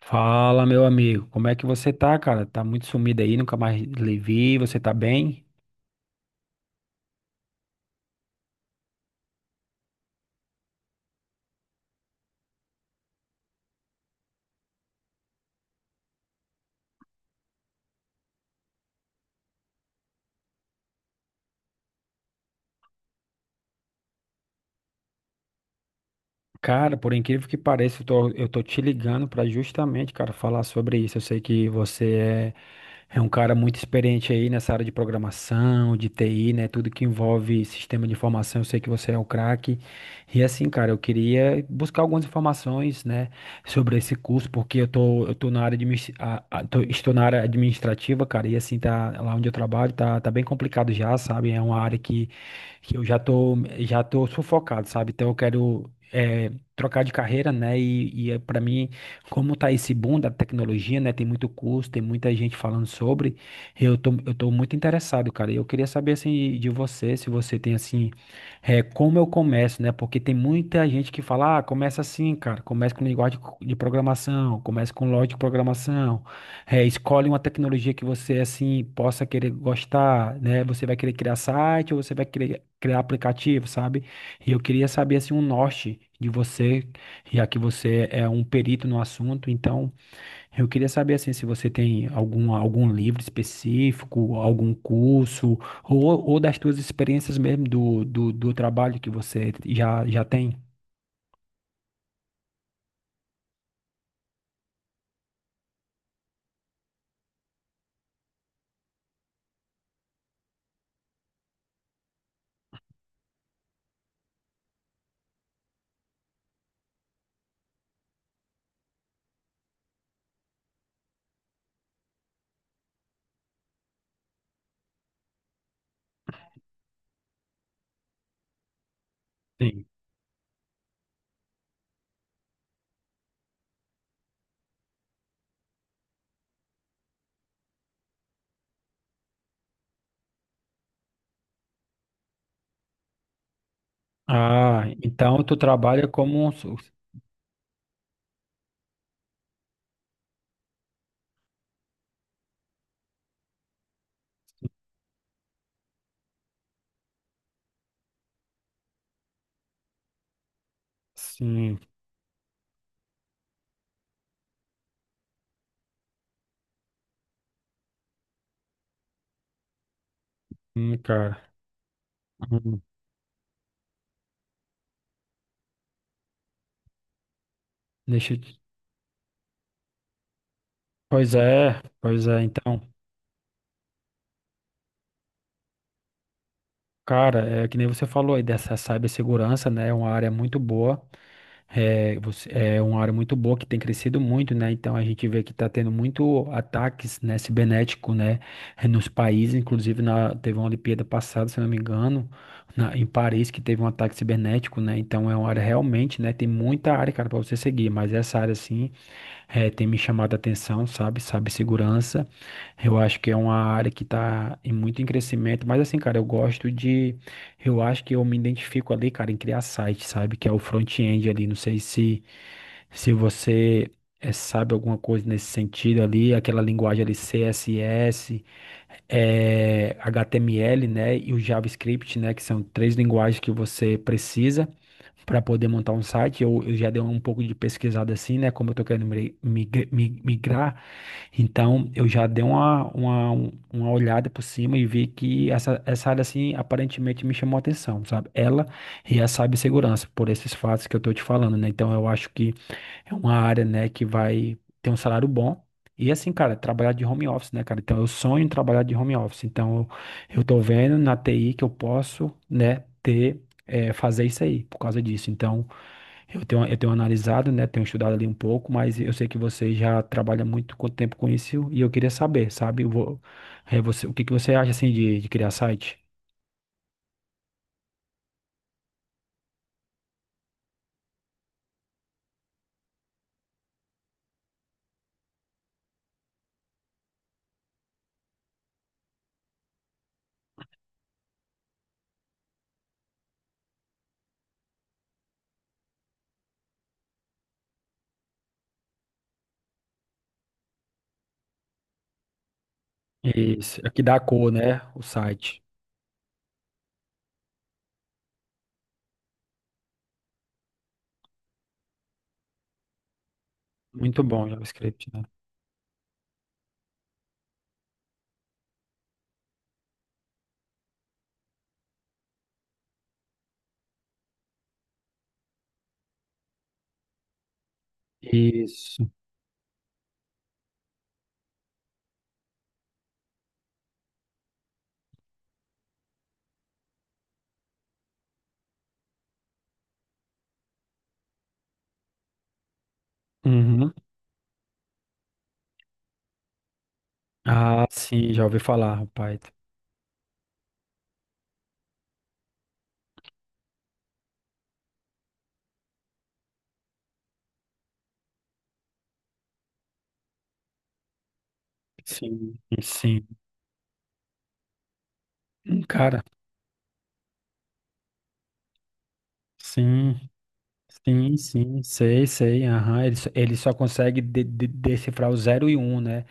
Fala, meu amigo, como é que você tá, cara? Tá muito sumido aí, nunca mais lhe vi, você tá bem? Cara, por incrível que pareça, eu tô te ligando para justamente, cara, falar sobre isso. Eu sei que é um cara muito experiente aí nessa área de programação, de TI, né? Tudo que envolve sistema de informação, eu sei que você é o craque. E assim, cara, eu queria buscar algumas informações, né, sobre esse curso, porque eu tô na área estou na área administrativa, cara, e assim, tá lá onde eu trabalho, tá bem complicado já, sabe? É uma área que eu já tô sufocado, sabe? Então eu quero é, trocar de carreira, né? E para mim, como tá esse boom da tecnologia, né? Tem muito curso, tem muita gente falando sobre. Eu tô muito interessado, cara. E eu queria saber, assim, de você, se você tem, assim, como eu começo, né? Porque tem muita gente que fala, ah, começa assim, cara. Começa com linguagem de programação, começa com lógica de programação. É, escolhe uma tecnologia que você assim possa querer gostar, né? Você vai querer criar site ou você vai querer criar aplicativo, sabe? E eu queria saber assim um norte de você, já que você é um perito no assunto, então eu queria saber assim se você tem algum livro específico, algum curso ou, ou das suas experiências mesmo do trabalho que você já tem. Sim. Ah, então tu trabalha como um... Sim, cara. Hum. Deixa eu... pois é, então. Cara, é que nem você falou aí dessa cibersegurança, né? É uma área muito boa, é uma área muito boa que tem crescido muito, né? Então a gente vê que está tendo muito ataques, né, cibernético, né, nos países, inclusive teve uma Olimpíada passada, se eu não me engano, em Paris que teve um ataque cibernético, né? Então é uma área realmente, né? Tem muita área, cara, para você seguir, mas essa área assim tem me chamado a atenção, sabe? Sabe, segurança. Eu acho que é uma área que está em muito em crescimento, mas assim, cara, eu gosto de eu acho que eu me identifico ali, cara, em criar site, sabe? Que é o front-end ali. Não sei se você sabe alguma coisa nesse sentido ali, aquela linguagem ali CSS, HTML, né? E o JavaScript, né? Que são três linguagens que você precisa para poder montar um site. Eu já dei um pouco de pesquisada assim, né? Como eu tô querendo migrar. Então, eu já dei uma olhada por cima e vi que essa área, assim, aparentemente me chamou a atenção, sabe? Ela e a cibersegurança, por esses fatos que eu tô te falando, né? Então, eu acho que é uma área, né, que vai ter um salário bom. E assim, cara, trabalhar de home office, né, cara? Então, eu sonho em trabalhar de home office. Então, eu tô vendo na TI que eu posso, né, ter, fazer isso aí, por causa disso. Então, eu tenho analisado, né? Tenho estudado ali um pouco, mas eu sei que você já trabalha muito com tempo com isso e eu queria saber, sabe? É, você, o que que você acha assim de criar site? Isso, é que dá cor, né? O site. Muito bom, JavaScript, né? Isso. Uhum. Ah, sim, já ouvi falar, Python. Sim, sim. Cara. Sim. Sim, sim, sei, sei, aham. Ele só consegue decifrar o zero e um, né?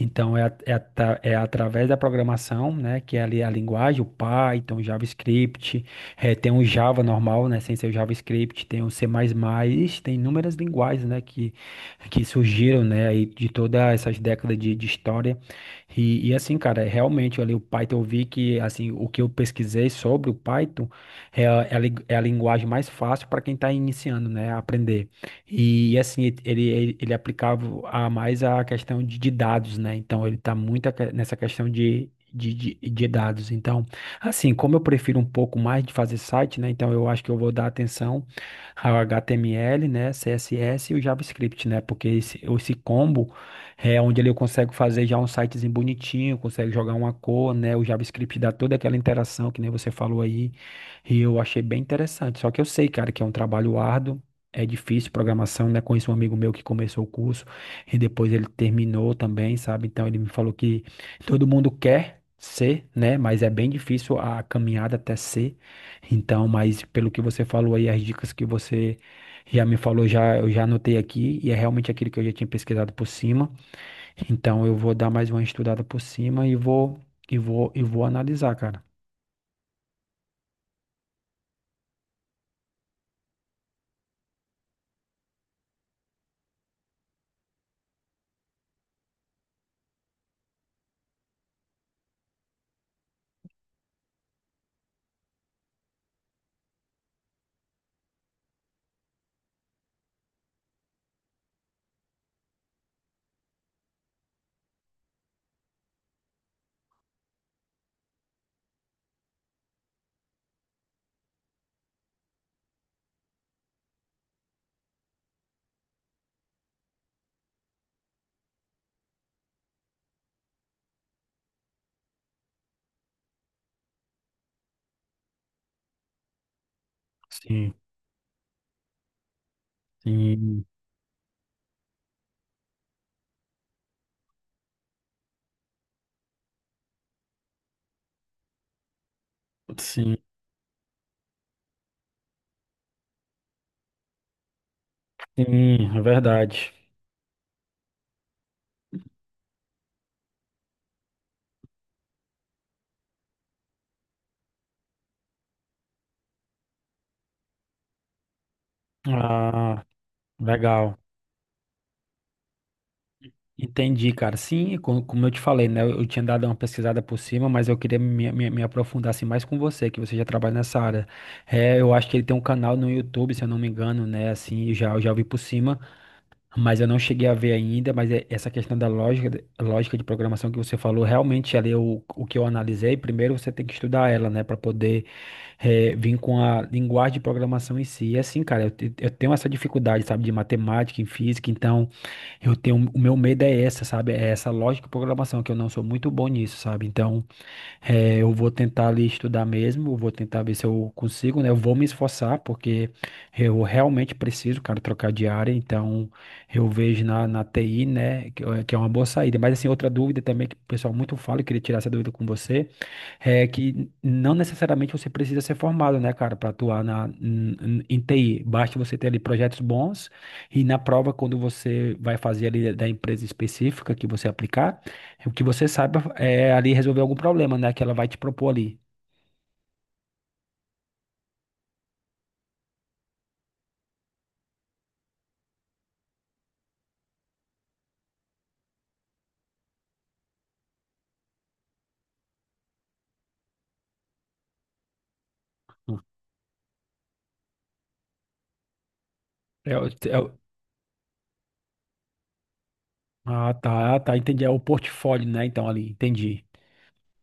Então, é através da programação, né, que é ali a linguagem, o Python, o JavaScript, tem o Java normal, né, sem ser o JavaScript, tem o C++, tem inúmeras linguagens, né, que surgiram, né, aí de todas essas décadas de história. E assim, cara, é realmente ali o Python, eu vi que, assim, o que eu pesquisei sobre o Python, é a linguagem mais fácil para quem está iniciando, né, a aprender. E, assim, ele aplicava a mais a questão de dados, né? Então, ele está muito nessa questão de dados. Então, assim, como eu prefiro um pouco mais de fazer site, né? Então, eu acho que eu vou dar atenção ao HTML, né, CSS e o JavaScript, né? Porque esse combo é onde ele eu consigo fazer já um sitezinho bonitinho, consegue jogar uma cor, né? O JavaScript dá toda aquela interação que nem você falou aí. E eu achei bem interessante. Só que eu sei, cara, que é um trabalho árduo, é difícil programação, né? Conheço um amigo meu que começou o curso e depois ele terminou também, sabe? Então ele me falou que todo mundo quer ser, né? Mas é bem difícil a caminhada até ser. Então, mas pelo que você falou aí, as dicas que você já me falou, já eu já anotei aqui e é realmente aquilo que eu já tinha pesquisado por cima. Então eu vou dar mais uma estudada por cima e vou analisar, cara. Sim. Sim. Sim. Sim, é verdade. Ah, legal. Entendi, cara. Sim, como eu te falei, né? Eu tinha dado uma pesquisada por cima, mas eu queria me aprofundar assim, mais com você, que você já trabalha nessa área. É, eu acho que ele tem um canal no YouTube, se eu não me engano, né? Assim, já, eu já vi por cima. Mas eu não cheguei a ver ainda, mas essa questão da lógica, lógica de programação que você falou, realmente ali o que eu analisei, primeiro você tem que estudar ela, né, para poder vir com a linguagem de programação em si. E assim, cara, eu tenho essa dificuldade, sabe, de matemática, em física, então eu tenho, o meu medo é essa, sabe, é essa lógica de programação, que eu não sou muito bom nisso, sabe, então eu vou tentar ali estudar mesmo, eu vou tentar ver se eu consigo, né? Eu vou me esforçar, porque eu realmente preciso, cara, trocar de área, então eu vejo na TI, né, é que é uma boa saída. Mas, assim, outra dúvida também que o pessoal muito fala, eu queria tirar essa dúvida com você, é que não necessariamente você precisa ser formado, né, cara, para atuar em TI. Basta você ter ali projetos bons e na prova, quando você vai fazer ali da empresa específica que você aplicar, é o que você saiba é ali resolver algum problema, né? Que ela vai te propor ali. É, o- é o- ah, tá, tá, entendi. É o portfólio, né? Então, ali, entendi.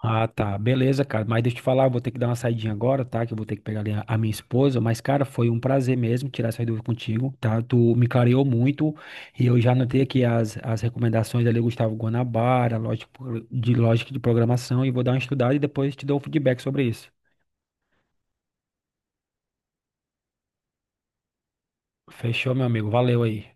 Ah, tá, beleza, cara. Mas deixa eu te falar, eu vou ter que dar uma saidinha agora, tá? Que eu vou ter que pegar ali a minha esposa. Mas, cara, foi um prazer mesmo tirar essa dúvida contigo, tá? Tu me clareou muito e eu já anotei aqui as recomendações ali, Gustavo Guanabara, lógica de lógica de programação, e vou dar uma estudada e depois te dou um feedback sobre isso. Fechou, meu amigo. Valeu aí.